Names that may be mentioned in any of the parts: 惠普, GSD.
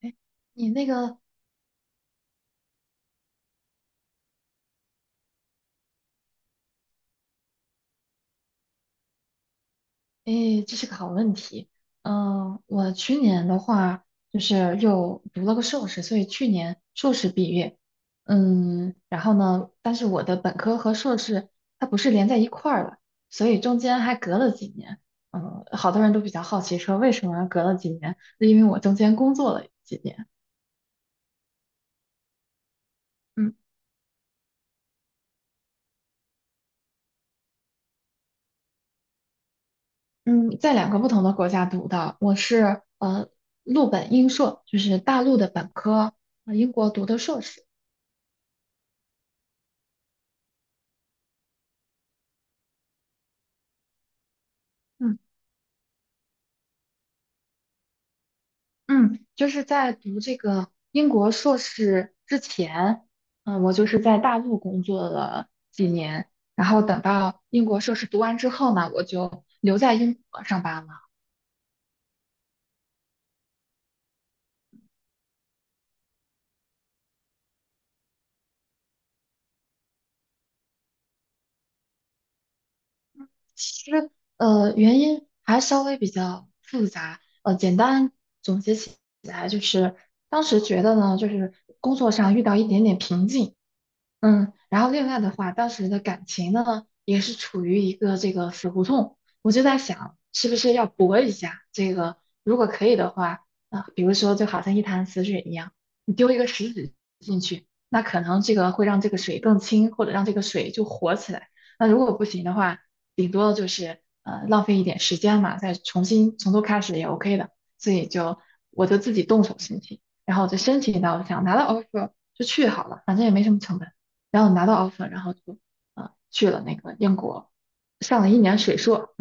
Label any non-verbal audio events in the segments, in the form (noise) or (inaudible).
哎，你那个，哎，这是个好问题。我去年的话，就是又读了个硕士，所以去年硕士毕业。然后呢，但是我的本科和硕士它不是连在一块儿的，所以中间还隔了几年。好多人都比较好奇说为什么隔了几年，是因为我中间工作了几年。嗯嗯，在两个不同的国家读的，我是陆本英硕，就是大陆的本科，英国读的硕士。嗯。嗯，就是在读这个英国硕士之前，我就是在大陆工作了几年，然后等到英国硕士读完之后呢，我就留在英国上班了。其实，原因还稍微比较复杂，简单总结起来就是，当时觉得呢，就是工作上遇到一点点瓶颈，然后另外的话，当时的感情呢，也是处于一个这个死胡同，我就在想，是不是要搏一下？这个如果可以的话，比如说就好像一潭死水一样，你丢一个石子进去，那可能这个会让这个水更清，或者让这个水就活起来。那如果不行的话，顶多就是浪费一点时间嘛，再重新从头开始也 OK 的。所以就我就自己动手申请，然后我就申请到，我想拿到 offer 就去好了，反正也没什么成本。然后拿到 offer，然后就去了那个英国，上了一年水硕。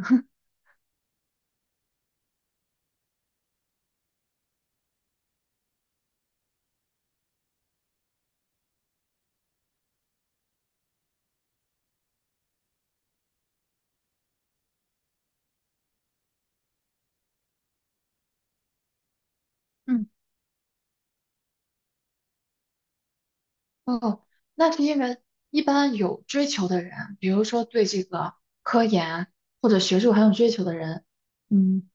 嗯，哦，那是因为一般有追求的人，比如说对这个科研或者学术很有追求的人，嗯。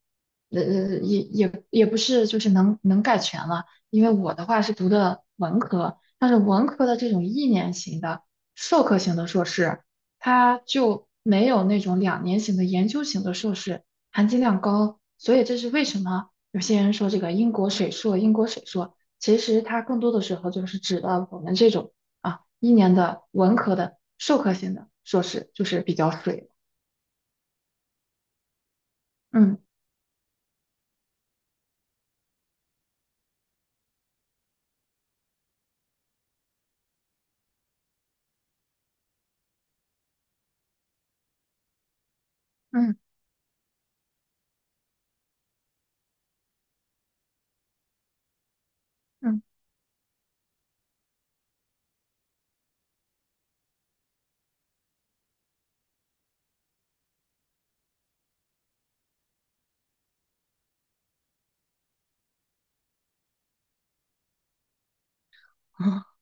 也不是就是能概全了，因为我的话是读的文科，但是文科的这种一年型的授课型的硕士，它就没有那种2年型的研究型的硕士含金量高，所以这是为什么有些人说这个英国水硕，英国水硕，其实它更多的时候就是指的我们这种一年的文科的授课型的硕士，就是比较水，嗯嗯嗯。(laughs)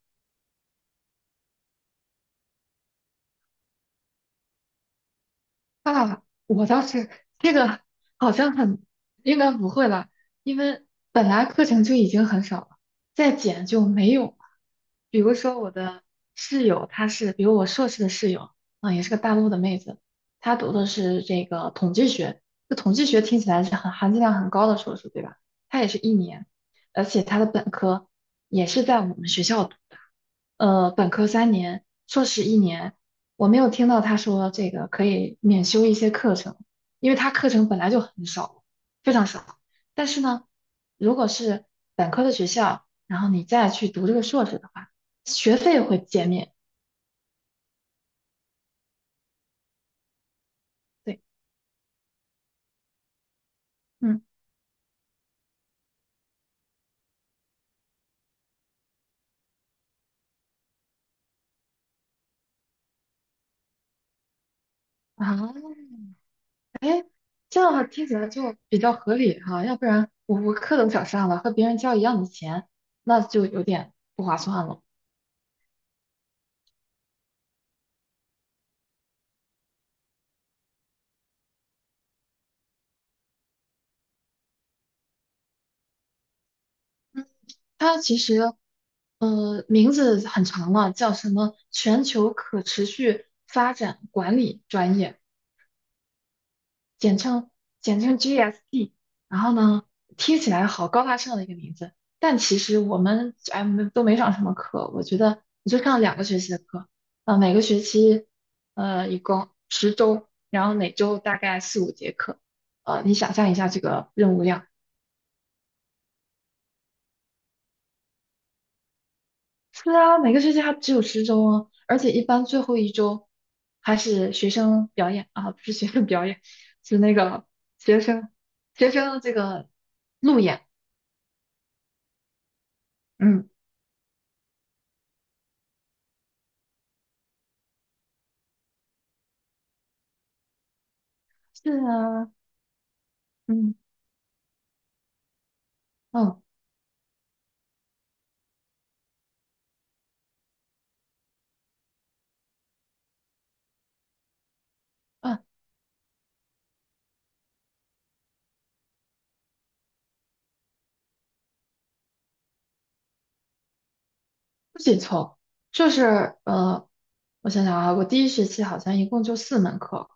啊，我倒是这个好像很应该不会了，因为本来课程就已经很少了，再减就没有了。比如说我的室友，比如我硕士的室友，也是个大陆的妹子，她读的是这个统计学，这统计学听起来是很含金量很高的硕士，对吧？她也是一年，而且她的本科也是在我们学校读的，本科3年，硕士一年，我没有听到他说这个可以免修一些课程，因为他课程本来就很少，非常少。但是呢，如果是本科的学校，然后你再去读这个硕士的话，学费会减免。对，嗯啊，这样的话听起来就比较合理哈、要不然我课都少上了，和别人交一样的钱，那就有点不划算了。它其实，名字很长了，叫什么全球可持续发展管理专业，简称简称 GSD。然后呢，听起来好高大上的一个名字，但其实我们没都没上什么课，我觉得你就上两个学期的课，啊，每个学期一共十周，然后每周大概四五节课，你想象一下这个任务量。是啊，每个学期还只有十周啊，而且一般最后一周还是学生表演啊，不是学生表演，是那个学生学生这个路演。嗯，是啊，嗯嗯嗯，不紧凑，就是我想想啊，我第一学期好像一共就四门课，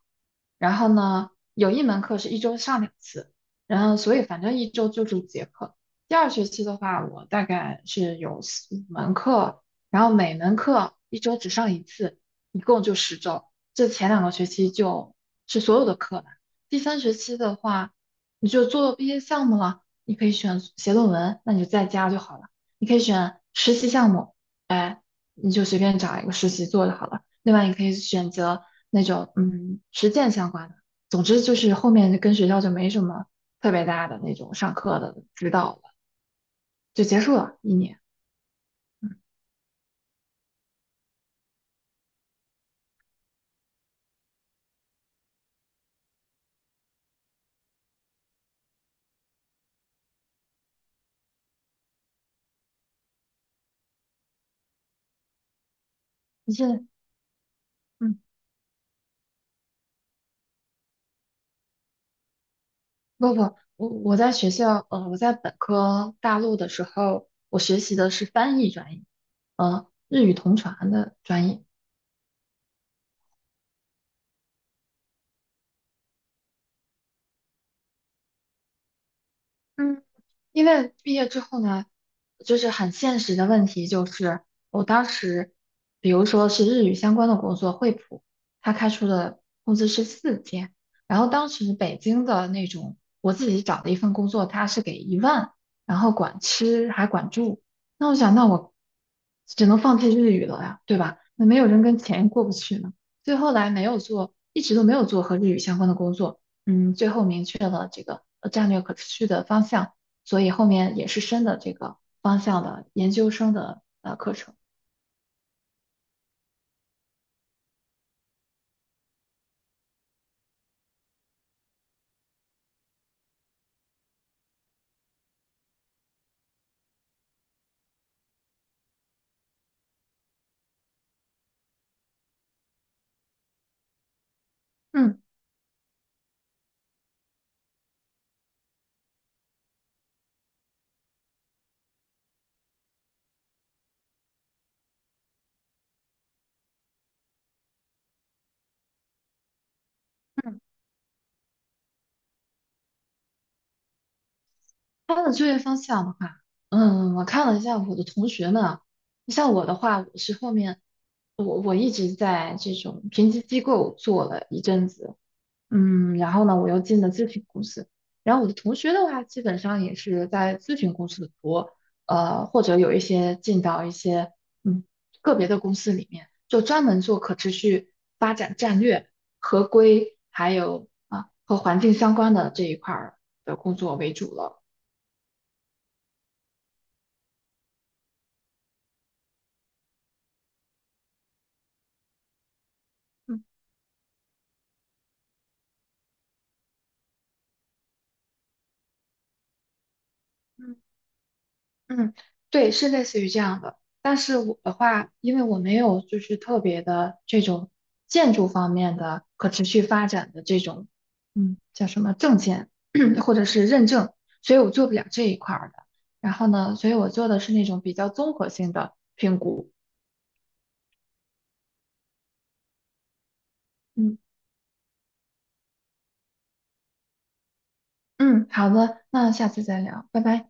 然后呢，有一门课是一周上2次，然后所以反正一周就是五节课。第二学期的话，我大概是有四五门课，然后每门课一周只上一次，一共就十周。这前两个学期就是所有的课了，第三学期的话，你就做毕业项目了，你可以选写论文，那你就在家就好了。你可以选实习项目，哎，你就随便找一个实习做就好了。另外，你可以选择那种实践相关的。总之就是后面跟学校就没什么特别大的那种上课的指导了，就结束了一年。你现在嗯不不，我在学校我在本科大陆的时候，我学习的是翻译专业，日语同传的专业。嗯。因为毕业之后呢，就是很现实的问题，就是我当时，比如说是日语相关的工作，惠普，他开出的工资是4000，然后当时北京的那种，我自己找的一份工作，他是给10000，然后管吃还管住，那我想，那我只能放弃日语了呀，对吧？那没有人跟钱过不去呢，所以后来没有做，一直都没有做和日语相关的工作，最后明确了这个战略可持续的方向。所以后面也是深的这个方向的研究生的课程。嗯，嗯他的就业方向的话，我看了一下我的同学们啊，像我的话，我是后面我一直在这种评级机构做了一阵子，然后呢，我又进了咨询公司。然后我的同学的话，基本上也是在咨询公司多，或者有一些进到一些嗯个别的公司里面，就专门做可持续发展战略、合规，还有和环境相关的这一块儿的工作为主了。嗯嗯嗯，对，是类似于这样的。但是我的话，因为我没有就是特别的这种建筑方面的可持续发展的这种，叫什么证件 (clears throat) 或者是认证，所以我做不了这一块儿的。然后呢，所以我做的是那种比较综合性的评估。嗯嗯，好的，那下次再聊，拜拜。